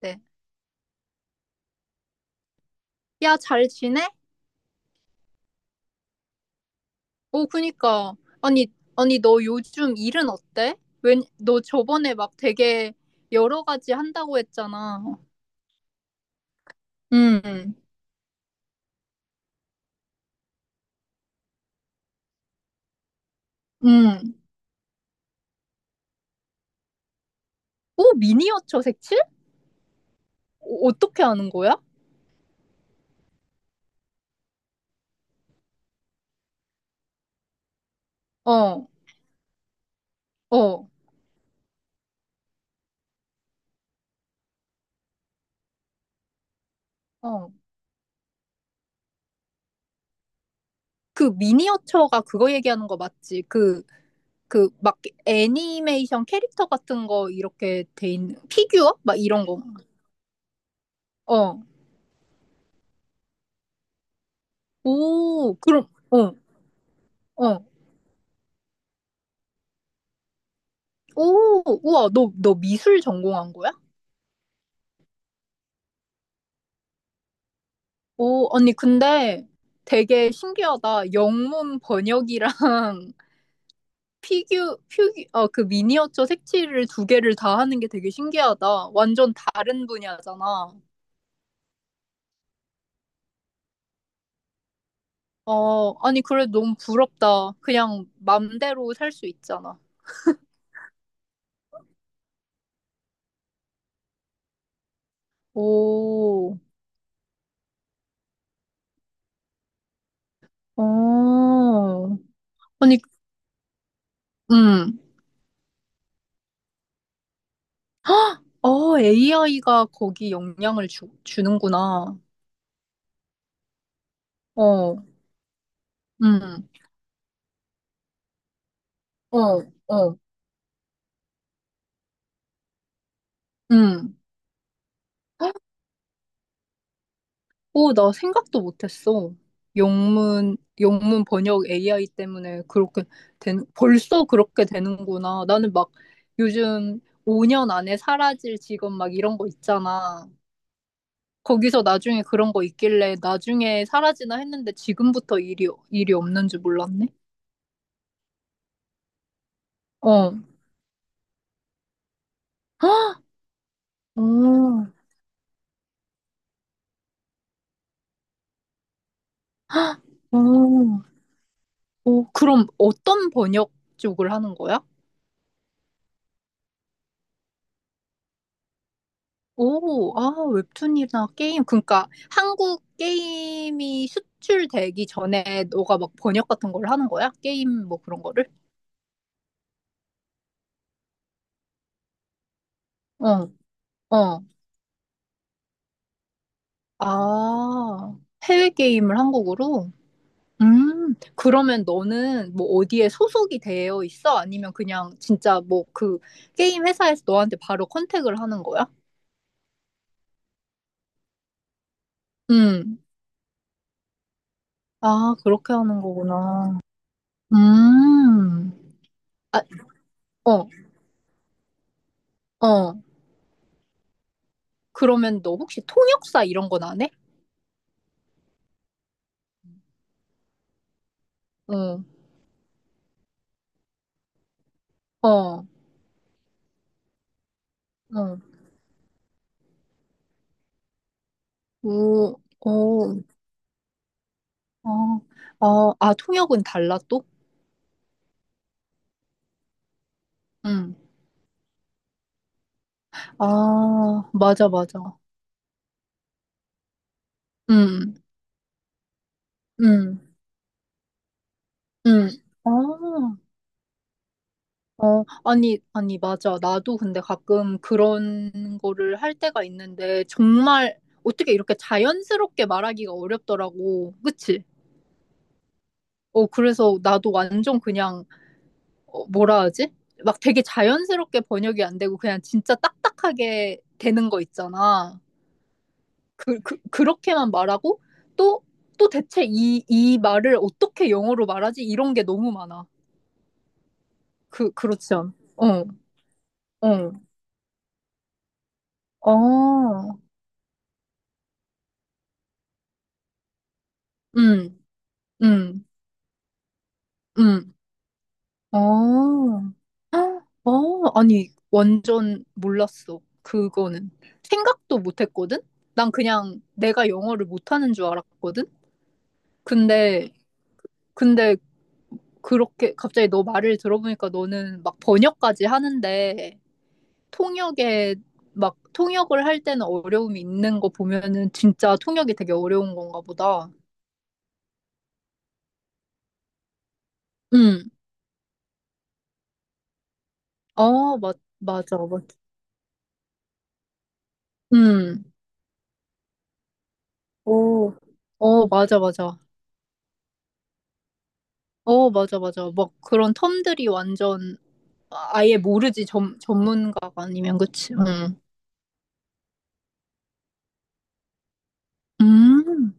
네. 야, 잘 지내? 오, 그니까. 아니, 아니, 너 요즘 일은 어때? 웬, 너 저번에 막 되게 여러 가지 한다고 했잖아. 음, 음. 오, 미니어처 색칠? 어, 어떻게 하는 거야? 어, 어, 어. 그 미니어처가 그거 얘기하는 거 맞지? 그, 그, 막 애니메이션 캐릭터 같은 거 이렇게 돼 있는, 피규어? 막 이런 거. 어. 오, 그럼, 어, 어. 오, 우와, 너, 너 미술 전공한 거야? 오, 언니, 근데 되게 신기하다. 영문 번역이랑 어, 그 미니어처 색칠을 두 개를 다 하는 게 되게 신기하다. 완전 다른 분야잖아. 어, 아니, 그래, 너무 부럽다. 그냥 맘대로 살 수 있잖아. 오, 어. 아니, 음. 어, AI가 거기 영향을 주는구나. 어, 음, 어, 어. 음. 오, 나 생각도 못했어. 영문 번역 AI 때문에 그렇게 벌써 그렇게 되는구나. 나는 막 요즘 5년 안에 사라질 직업 막 이런 거 있잖아. 거기서 나중에 그런 거 있길래 나중에 사라지나 했는데 지금부터 일이 없는 줄 몰랐네. 어. 어, 어. 어, 그럼 어떤 번역 쪽을 하는 거야? 오, 아, 웹툰이나 게임. 그러니까 한국 게임이 수출되기 전에 너가 막 번역 같은 걸 하는 거야? 게임 뭐 그런 거를? 어, 어. 아, 해외 게임을 한국으로? 그러면 너는 뭐 어디에 소속이 되어 있어? 아니면 그냥 진짜 뭐 그 게임 회사에서 너한테 바로 컨택을 하는 거야? 음, 아, 그렇게 하는 거구나. 음, 아, 어, 어. 그러면 너 혹시 통역사 이런 건 안 해? 어, 어, 어, 우, 어, 어, 아, 아, 통역은 달라 또? 응, 아, 맞아, 맞아. 응, 응, 응. 아, 어, 아니, 아니, 맞아. 나도 근데 가끔 그런 거를 할 때가 있는데, 정말 어떻게 이렇게 자연스럽게 말하기가 어렵더라고. 그치? 어, 그래서 나도 완전 그냥, 어, 뭐라 하지? 막 되게 자연스럽게 번역이 안 되고, 그냥 진짜 딱딱하게 되는 거 있잖아. 그렇게만 말하고 또, 또 대체 이 말을 어떻게 영어로 말하지? 이런 게 너무 많아. 그렇지 않아? 어, 어, 어, 음, 음, 음, 어, 아, 어, 아니, 완전 몰랐어. 그거는. 생각도 못 했거든? 난 그냥 내가 영어를 못하는 줄 알았거든? 근데, 근데 그렇게 갑자기 너 말을 들어보니까 너는 막 번역까지 하는데, 통역에 막 통역을 할 때는 어려움이 있는 거 보면은 진짜 통역이 되게 어려운 건가 보다. 응. 어, 맞아, 맞아. 응. 오. 어, 맞아, 맞아. 어, 맞아, 맞아. 막 그런 텀들이 완전 아예 모르지, 전문가가 아니면, 그치? 응. 음.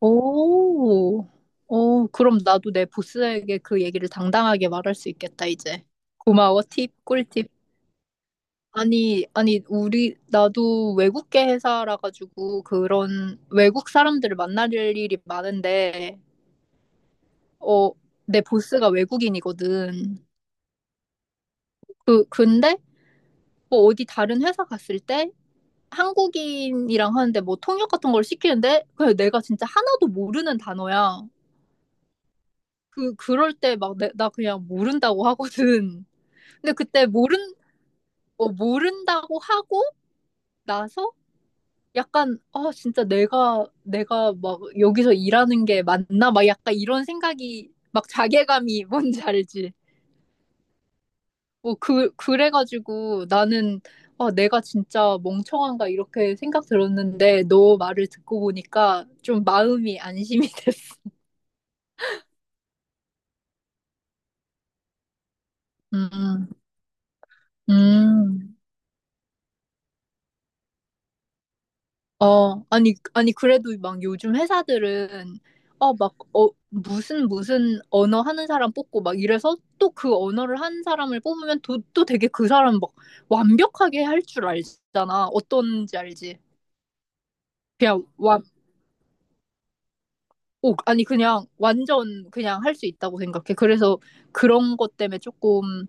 오. 어, 그럼 나도 내 보스에게 그 얘기를 당당하게 말할 수 있겠다, 이제. 고마워, 팁, 꿀팁. 아니, 아니, 우리, 나도 외국계 회사라 가지고 그런 외국 사람들을 만날 일이 많은데, 어, 내 보스가 외국인이거든. 근데, 뭐 어디 다른 회사 갔을 때 한국인이랑 하는데 뭐 통역 같은 걸 시키는데, 그냥 내가 진짜 하나도 모르는 단어야. 그럴 때 막 나 그냥 모른다고 하거든. 근데 그때 어, 모른다고 하고 나서 약간, 아 진짜 내가 막 여기서 일하는 게 맞나, 막 약간 이런 생각이, 막 자괴감이 뭔지 알지? 뭐 그 그래가지고 나는, 아 내가 진짜 멍청한가 이렇게 생각 들었는데, 너 말을 듣고 보니까 좀 마음이 안심이 됐어. 음, 음. 어, 아니, 아니, 그래도 막 요즘 회사들은, 어, 막, 어, 무슨 언어 하는 사람 뽑고 막 이래서 또 그 언어를 한 사람을 뽑으면 또, 또 되게 그 사람 막 완벽하게 할 줄 알잖아. 어떤지 알지? 그냥 완, 오, 아니, 그냥 완전 그냥 할 수 있다고 생각해. 그래서 그런 것 때문에 조금,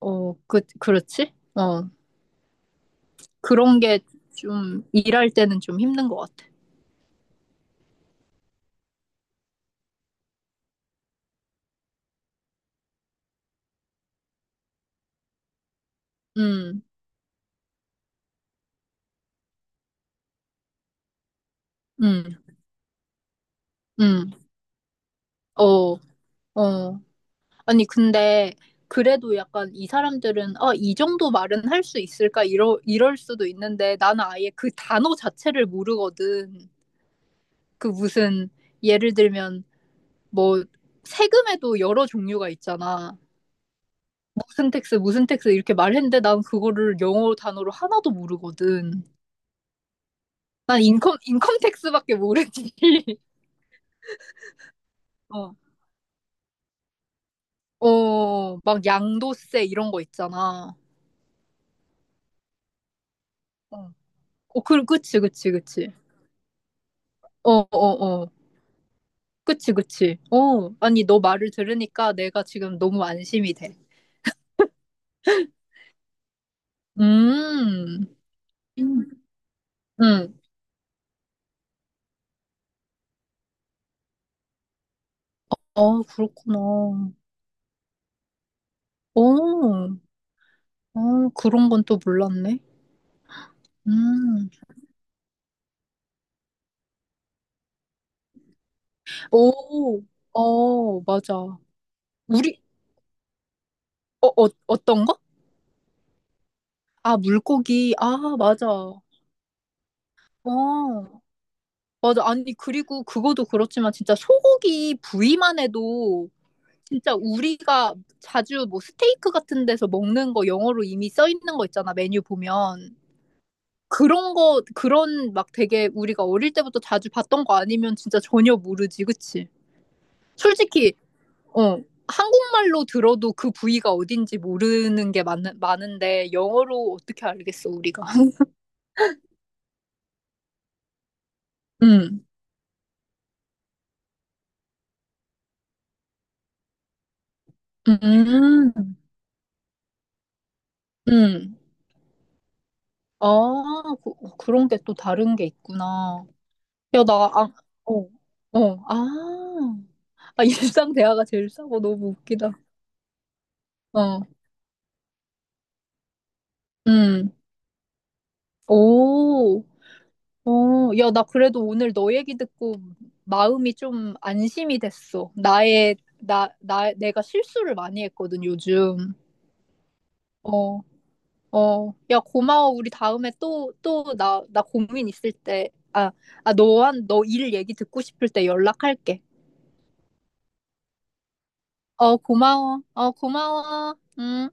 어, 그렇지? 어, 그런 게 좀 일할 때는 좀 힘든 것 같아. 음, 음, 음, 어, 어. 아니, 근데 그래도 약간 이 사람들은, 아, 이 정도 말은 할 수 있을까? 이럴 수도 있는데 나는 아예 그 단어 자체를 모르거든. 그 무슨 예를 들면 뭐 세금에도 여러 종류가 있잖아. 무슨 텍스 이렇게 말했는데 난 그거를 영어 단어로 하나도 모르거든. 난 인컴 텍스밖에 모르지. 어, 어, 막 양도세 이런 거 있잖아. 어, 어, 그치, 그치, 그치. 어, 어, 어. 그치, 그치. 어, 아니, 너 말을 들으니까 내가 지금 너무 안심이 돼. 음, 음, 음. 어, 그렇구나. 어, 어, 그런 건 또 몰랐네. 음, 오, 어, 맞아. 우리, 어, 어, 어떤 거? 아, 물고기. 아, 맞아. 어, 맞아. 아니, 그리고 그거도 그렇지만 진짜 소고기 부위만 해도 진짜 우리가 자주 뭐 스테이크 같은 데서 먹는 거 영어로 이미 써 있는 거 있잖아, 메뉴 보면. 그런 거, 그런 막 되게 우리가 어릴 때부터 자주 봤던 거 아니면 진짜 전혀 모르지, 그치? 솔직히, 어, 한국말로 들어도 그 부위가 어딘지 모르는 게 많은데, 영어로 어떻게 알겠어, 우리가? 음, 음, 음. 아, 그, 런 게 또 다른 게 있구나. 야, 나, 아, 어, 어, 아. 아, 일상 대화가 제일 싸고 너무 웃기다. 어, 음. 오, 어, 야, 나 그래도 오늘 너 얘기 듣고 마음이 좀 안심이 됐어. 내가 실수를 많이 했거든, 요즘. 어, 어. 야, 고마워. 우리 다음에 또, 또, 나 고민 있을 때, 아, 아, 너 일 얘기 듣고 싶을 때 연락할게. 어, 고마워. 어, 고마워. 음.